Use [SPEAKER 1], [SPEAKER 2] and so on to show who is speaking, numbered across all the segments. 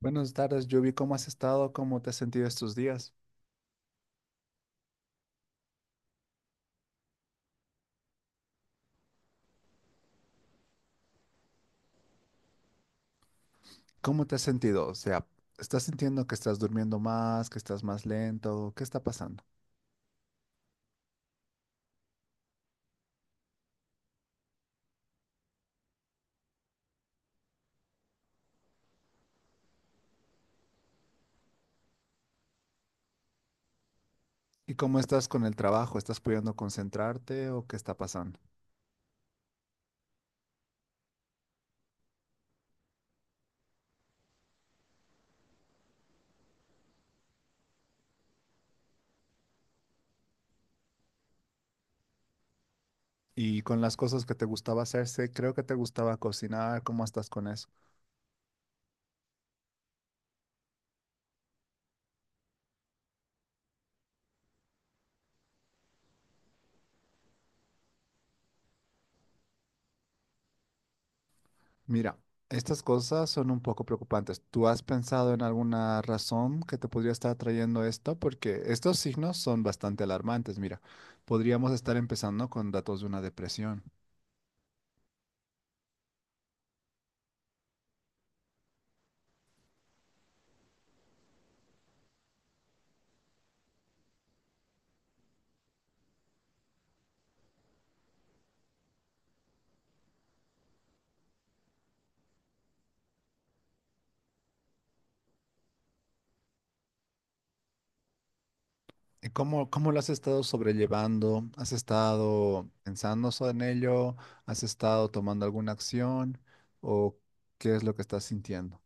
[SPEAKER 1] Buenas tardes, Yubi. ¿Cómo has estado? ¿Cómo te has sentido estos días? ¿Cómo te has sentido? O sea, ¿estás sintiendo que estás durmiendo más, que estás más lento? ¿Qué está pasando? ¿Y cómo estás con el trabajo? ¿Estás pudiendo concentrarte o qué está pasando? Y con las cosas que te gustaba hacerse, creo que te gustaba cocinar, ¿cómo estás con eso? Mira, estas cosas son un poco preocupantes. ¿Tú has pensado en alguna razón que te podría estar trayendo esto? Porque estos signos son bastante alarmantes. Mira, podríamos estar empezando con datos de una depresión. ¿Y cómo lo has estado sobrellevando? ¿Has estado pensando en ello? ¿Has estado tomando alguna acción? ¿O qué es lo que estás sintiendo?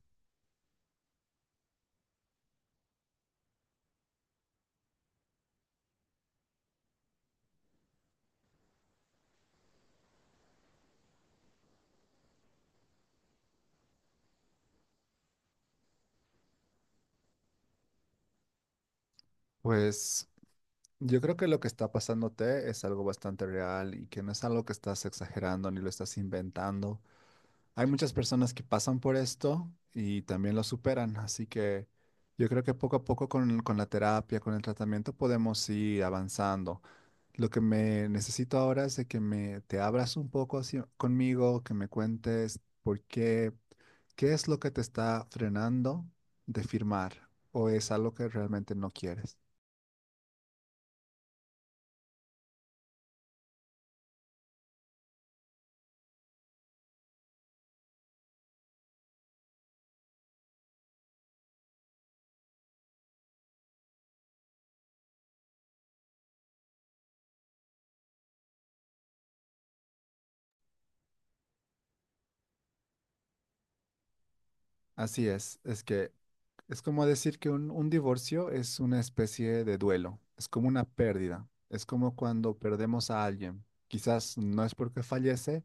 [SPEAKER 1] Pues yo creo que lo que está pasándote es algo bastante real y que no es algo que estás exagerando ni lo estás inventando. Hay muchas personas que pasan por esto y también lo superan, así que yo creo que poco a poco con la terapia, con el tratamiento podemos ir avanzando. Lo que me necesito ahora es de que me te abras un poco así conmigo, que me cuentes por qué, qué es lo que te está frenando de firmar o es algo que realmente no quieres. Así es que es como decir que un divorcio es una especie de duelo, es como una pérdida, es como cuando perdemos a alguien. Quizás no es porque fallece,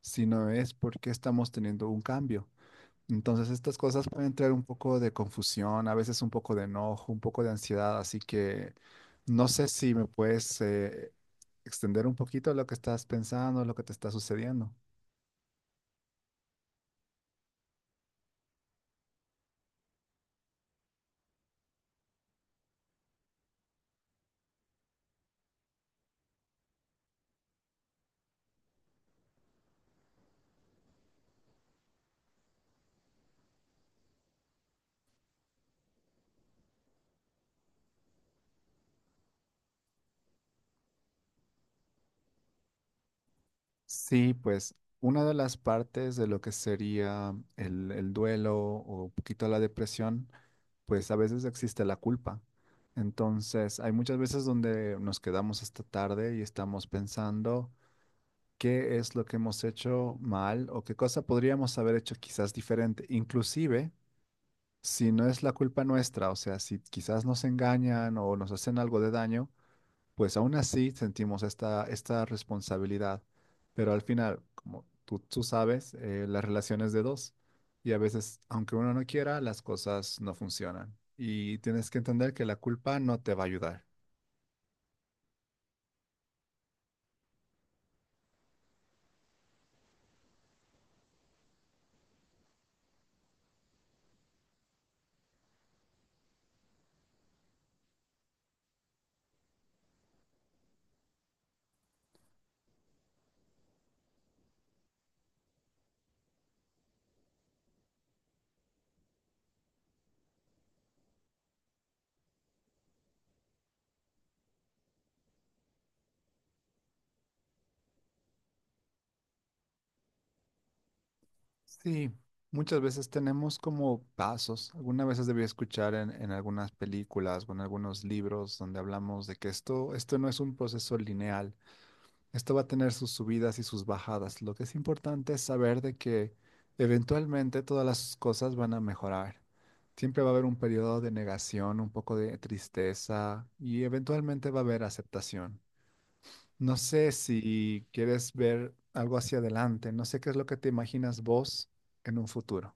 [SPEAKER 1] sino es porque estamos teniendo un cambio. Entonces estas cosas pueden traer un poco de confusión, a veces un poco de enojo, un poco de ansiedad, así que no sé si me puedes extender un poquito lo que estás pensando, lo que te está sucediendo. Sí, pues una de las partes de lo que sería el duelo o un poquito la depresión, pues a veces existe la culpa. Entonces hay muchas veces donde nos quedamos hasta tarde y estamos pensando qué es lo que hemos hecho mal o qué cosa podríamos haber hecho quizás diferente, inclusive si no es la culpa nuestra, o sea, si quizás nos engañan o nos hacen algo de daño, pues aún así sentimos esta responsabilidad. Pero al final, como tú sabes, las relaciones de dos y a veces, aunque uno no quiera, las cosas no funcionan. Y tienes que entender que la culpa no te va a ayudar. Sí, muchas veces tenemos como pasos. Algunas veces debí escuchar en algunas películas o en algunos libros donde hablamos de que esto no es un proceso lineal. Esto va a tener sus subidas y sus bajadas. Lo que es importante es saber de que eventualmente todas las cosas van a mejorar. Siempre va a haber un periodo de negación, un poco de tristeza y eventualmente va a haber aceptación. No sé si quieres ver algo hacia adelante. No sé qué es lo que te imaginas vos en un futuro.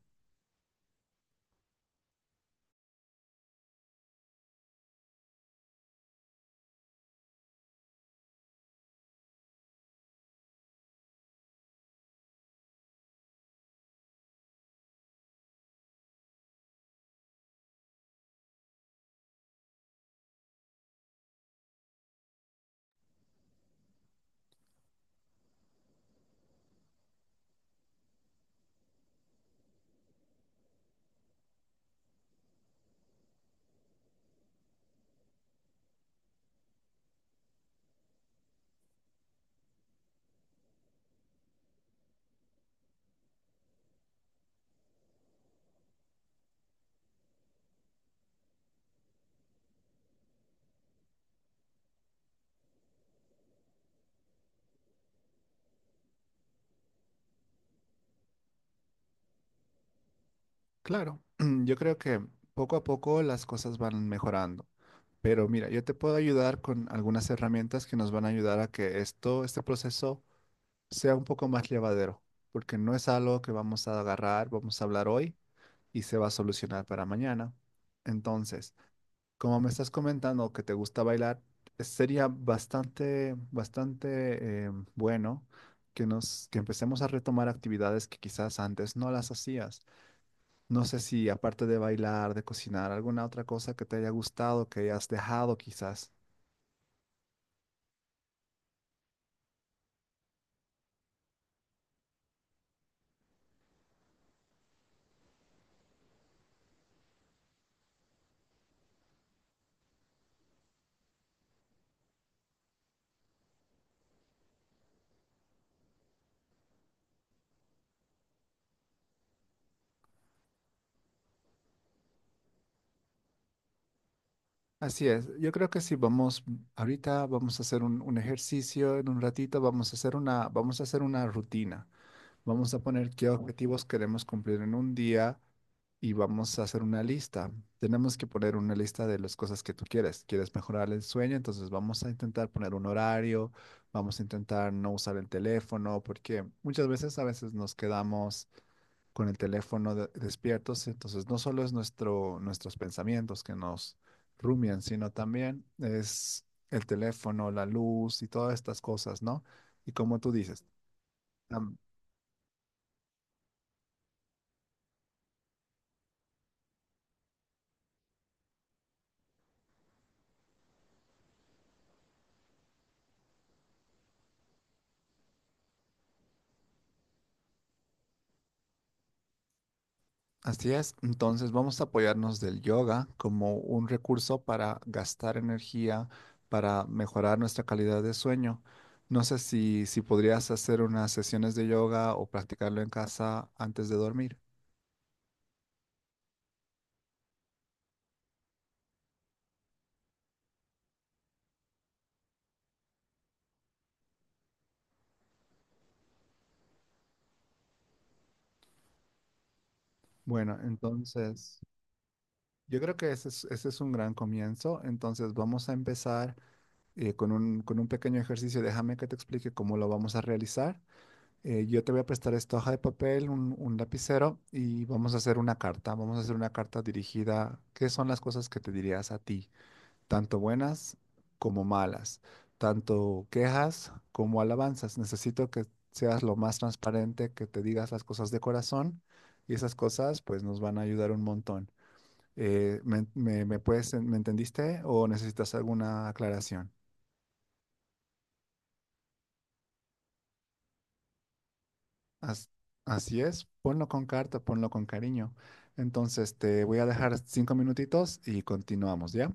[SPEAKER 1] Claro, yo creo que poco a poco las cosas van mejorando. Pero mira, yo te puedo ayudar con algunas herramientas que nos van a ayudar a que esto, este proceso sea un poco más llevadero, porque no es algo que vamos a agarrar, vamos a hablar hoy y se va a solucionar para mañana. Entonces, como me estás comentando que te gusta bailar, sería bastante, bastante bueno que nos, que empecemos a retomar actividades que quizás antes no las hacías. No sé si aparte de bailar, de cocinar, alguna otra cosa que te haya gustado, que hayas dejado quizás. Así es, yo creo que sí, vamos, ahorita vamos a hacer un ejercicio, en un ratito vamos a hacer una, vamos a hacer una rutina. Vamos a poner qué objetivos queremos cumplir en un día y vamos a hacer una lista. Tenemos que poner una lista de las cosas que tú quieres. ¿Quieres mejorar el sueño? Entonces vamos a intentar poner un horario, vamos a intentar no usar el teléfono, porque muchas veces a veces nos quedamos con el teléfono despiertos. Entonces, no solo es nuestros pensamientos que nos rumian, sino también es el teléfono, la luz y todas estas cosas, ¿no? Y como tú dices, am- así es. Entonces, vamos a apoyarnos del yoga como un recurso para gastar energía, para mejorar nuestra calidad de sueño. No sé si podrías hacer unas sesiones de yoga o practicarlo en casa antes de dormir. Bueno, entonces... Yo creo que ese es un gran comienzo. Entonces vamos a empezar con un pequeño ejercicio. Déjame que te explique cómo lo vamos a realizar. Yo te voy a prestar esta hoja de papel, un lapicero y vamos a hacer una carta. Vamos a hacer una carta dirigida. ¿Qué son las cosas que te dirías a ti? Tanto buenas como malas. Tanto quejas como alabanzas. Necesito que seas lo más transparente, que te digas las cosas de corazón y esas cosas pues nos van a ayudar un montón. ¿Me puedes, me entendiste o necesitas alguna aclaración? As- Así es, ponlo con carta, ponlo con cariño. Entonces te voy a dejar 5 minutitos y continuamos, ¿ya?